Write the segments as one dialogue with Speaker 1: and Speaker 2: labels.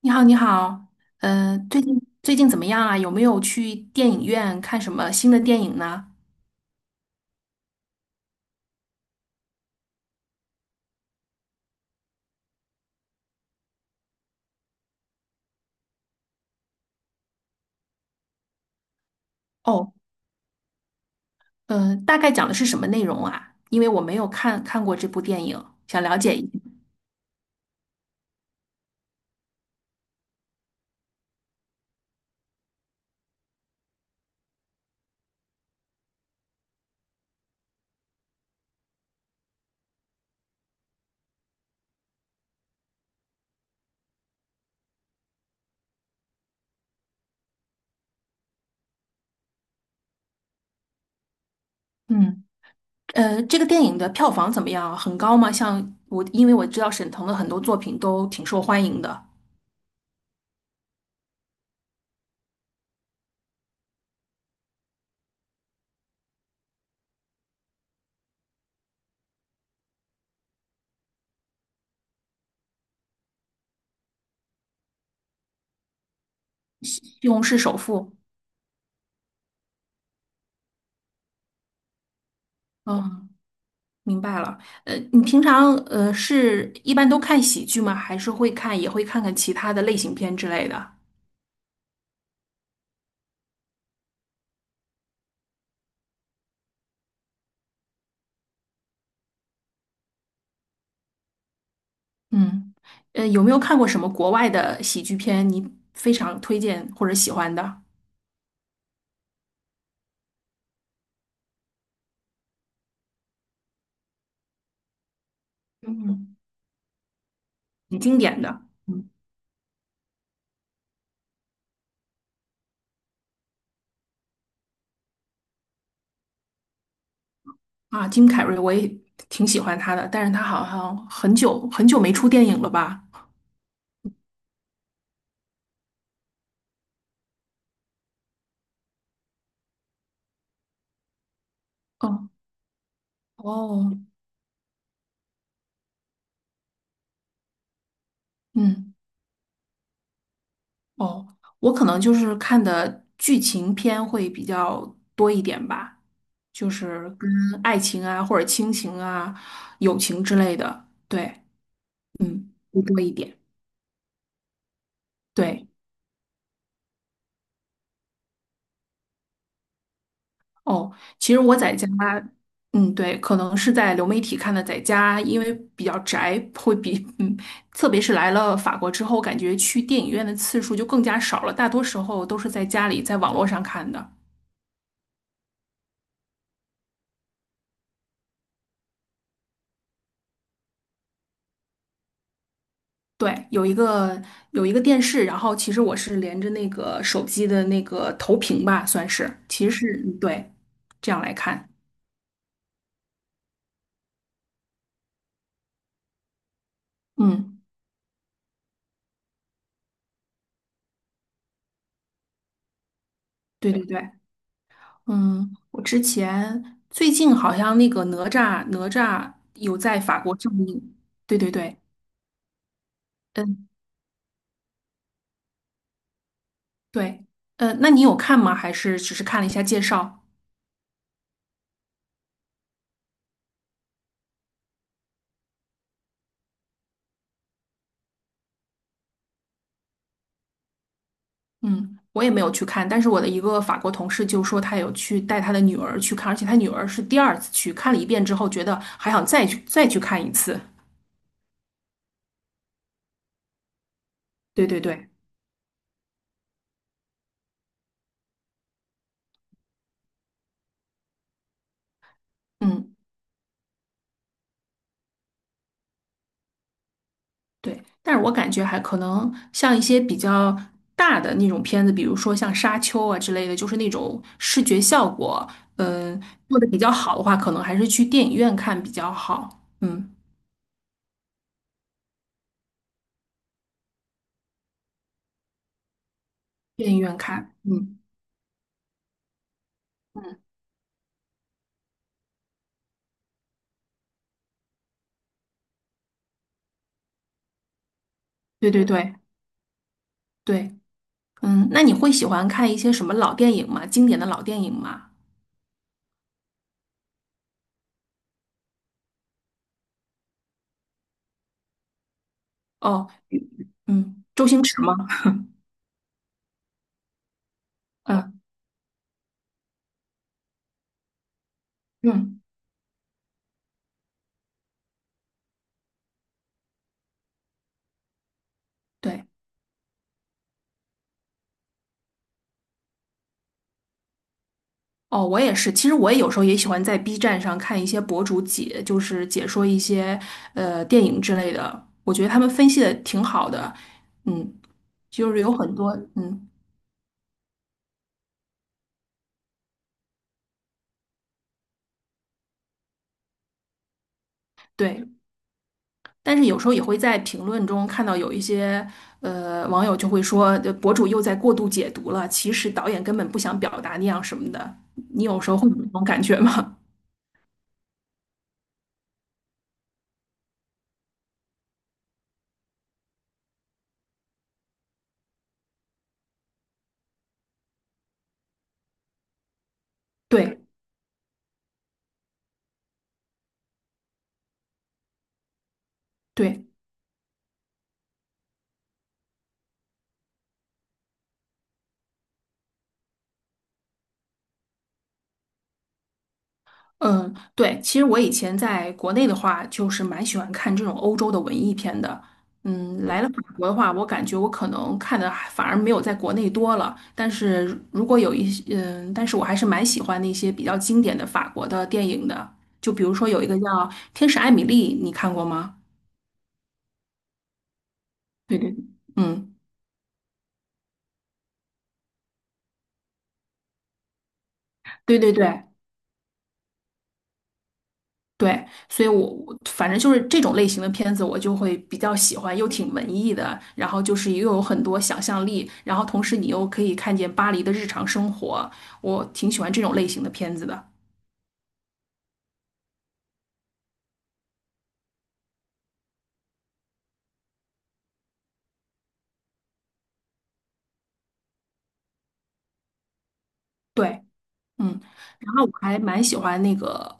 Speaker 1: 你好，你好。呃，最近最近怎么样啊？有没有去电影院看什么新的电影呢？哦，大概讲的是什么内容啊？因为我没有看过这部电影，想了解一下。嗯。这个电影的票房怎么样啊，很高吗？像我，因为我知道沈腾的很多作品都挺受欢迎的。《西红柿首富》。嗯，明白了。你平常是一般都看喜剧吗？还是会看看其他的类型片之类的？嗯。有没有看过什么国外的喜剧片？你非常推荐或者喜欢的。嗯，很经典的。嗯。啊？金凯瑞我也挺喜欢他的，但是他好像很久很久没出电影了吧？哦哦。嗯。哦，我可能就是看的剧情片会比较多一点吧，就是跟爱情啊或者亲情啊、友情之类的。对。嗯，会多一点。对。哦，其实我在家。嗯，对，可能是在流媒体看的，在家因为比较宅，会比嗯，特别是来了法国之后，感觉去电影院的次数就更加少了，大多时候都是在家里，在网络上看的。对，有一个电视，然后其实我是连着那个手机的那个投屏吧，算是，其实是。嗯，对。这样来看。嗯。对对对。嗯，我之前最近好像那个哪吒有在法国上映。对对对。嗯。对。那你有看吗？还是只是看了一下介绍？嗯，我也没有去看，但是我的一个法国同事就说他有去带他的女儿去看，而且他女儿是第二次去看了一遍之后，觉得还想再去看一次。对对对。嗯。对，但是我感觉还可能像一些比较大的那种片子，比如说像《沙丘》啊之类的，就是那种视觉效果，嗯、做的比较好的话，可能还是去电影院看比较好。嗯。电影院看。嗯。嗯，对对对对。嗯，那你会喜欢看一些什么老电影吗？经典的老电影吗？哦。嗯，周星驰吗？嗯。嗯。对。哦，我也是。其实我也有时候也喜欢在 B 站上看一些博主解，就是解说一些电影之类的。我觉得他们分析的挺好的。嗯，就是有很多。嗯。对。但是有时候也会在评论中看到有一些网友就会说，博主又在过度解读了，其实导演根本不想表达那样什么的。你有时候会有这种感觉吗？对。对。嗯，对，其实我以前在国内的话，就是蛮喜欢看这种欧洲的文艺片的。嗯，来了法国的话，我感觉我可能看的还反而没有在国内多了。但是如果有一些，嗯，但是我还是蛮喜欢那些比较经典的法国的电影的。就比如说有一个叫《天使艾米丽》，你看过吗？对对。嗯，对对对。对，所以我反正就是这种类型的片子，我就会比较喜欢，又挺文艺的，然后就是又有很多想象力，然后同时你又可以看见巴黎的日常生活，我挺喜欢这种类型的片子的。对。嗯，然后我还蛮喜欢那个，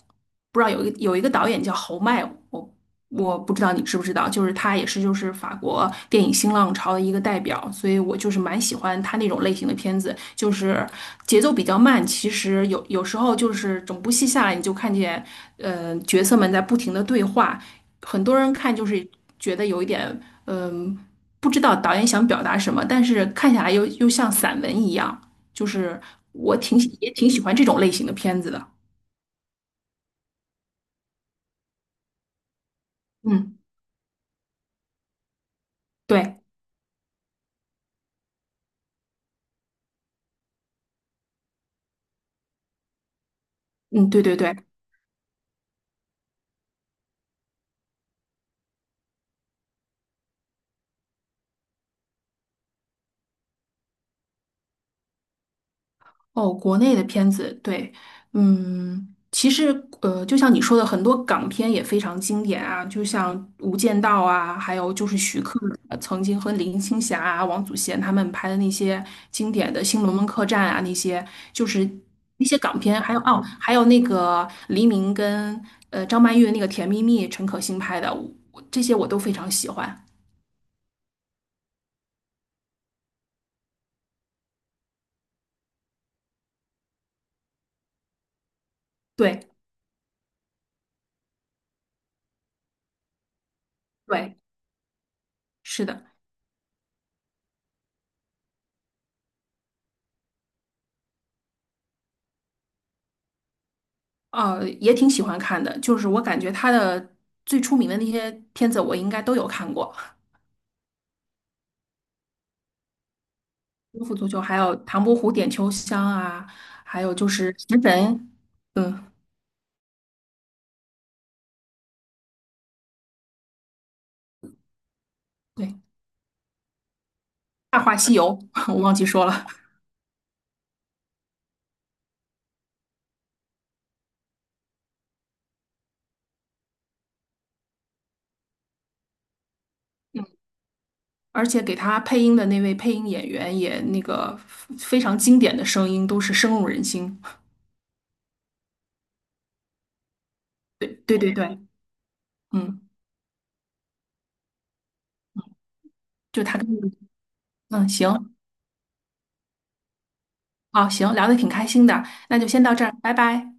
Speaker 1: 不知道有一个导演叫侯麦，我我不知道你知不知道，就是他也是就是法国电影新浪潮的一个代表，所以我就是蛮喜欢他那种类型的片子，就是节奏比较慢，其实有时候就是整部戏下来，你就看见角色们在不停的对话，很多人看就是觉得有一点，嗯、不知道导演想表达什么，但是看下来又像散文一样。就是我挺喜也挺喜欢这种类型的片子的。嗯，对。嗯，对对对。哦，国内的片子。对。嗯，其实就像你说的，很多港片也非常经典啊，就像《无间道》啊，还有就是徐克曾经和林青霞啊、王祖贤他们拍的那些经典的《新龙门客栈》啊，那些就是那些港片。还有哦，还有那个黎明跟张曼玉的那个《甜蜜蜜》，陈可辛拍的，这些我都非常喜欢。对。对，是的。也挺喜欢看的。就是我感觉他的最出名的那些片子，我应该都有看过。《功夫足球》，还有《唐伯虎点秋香》啊，还有就是《食神》。嗯，对，《大话西游》我忘记说了。而且给他配音的那位配音演员也那个非常经典的声音，都是深入人心。对对对对。嗯。就他跟嗯。行。好。行，聊的挺开心的，那就先到这儿，拜拜。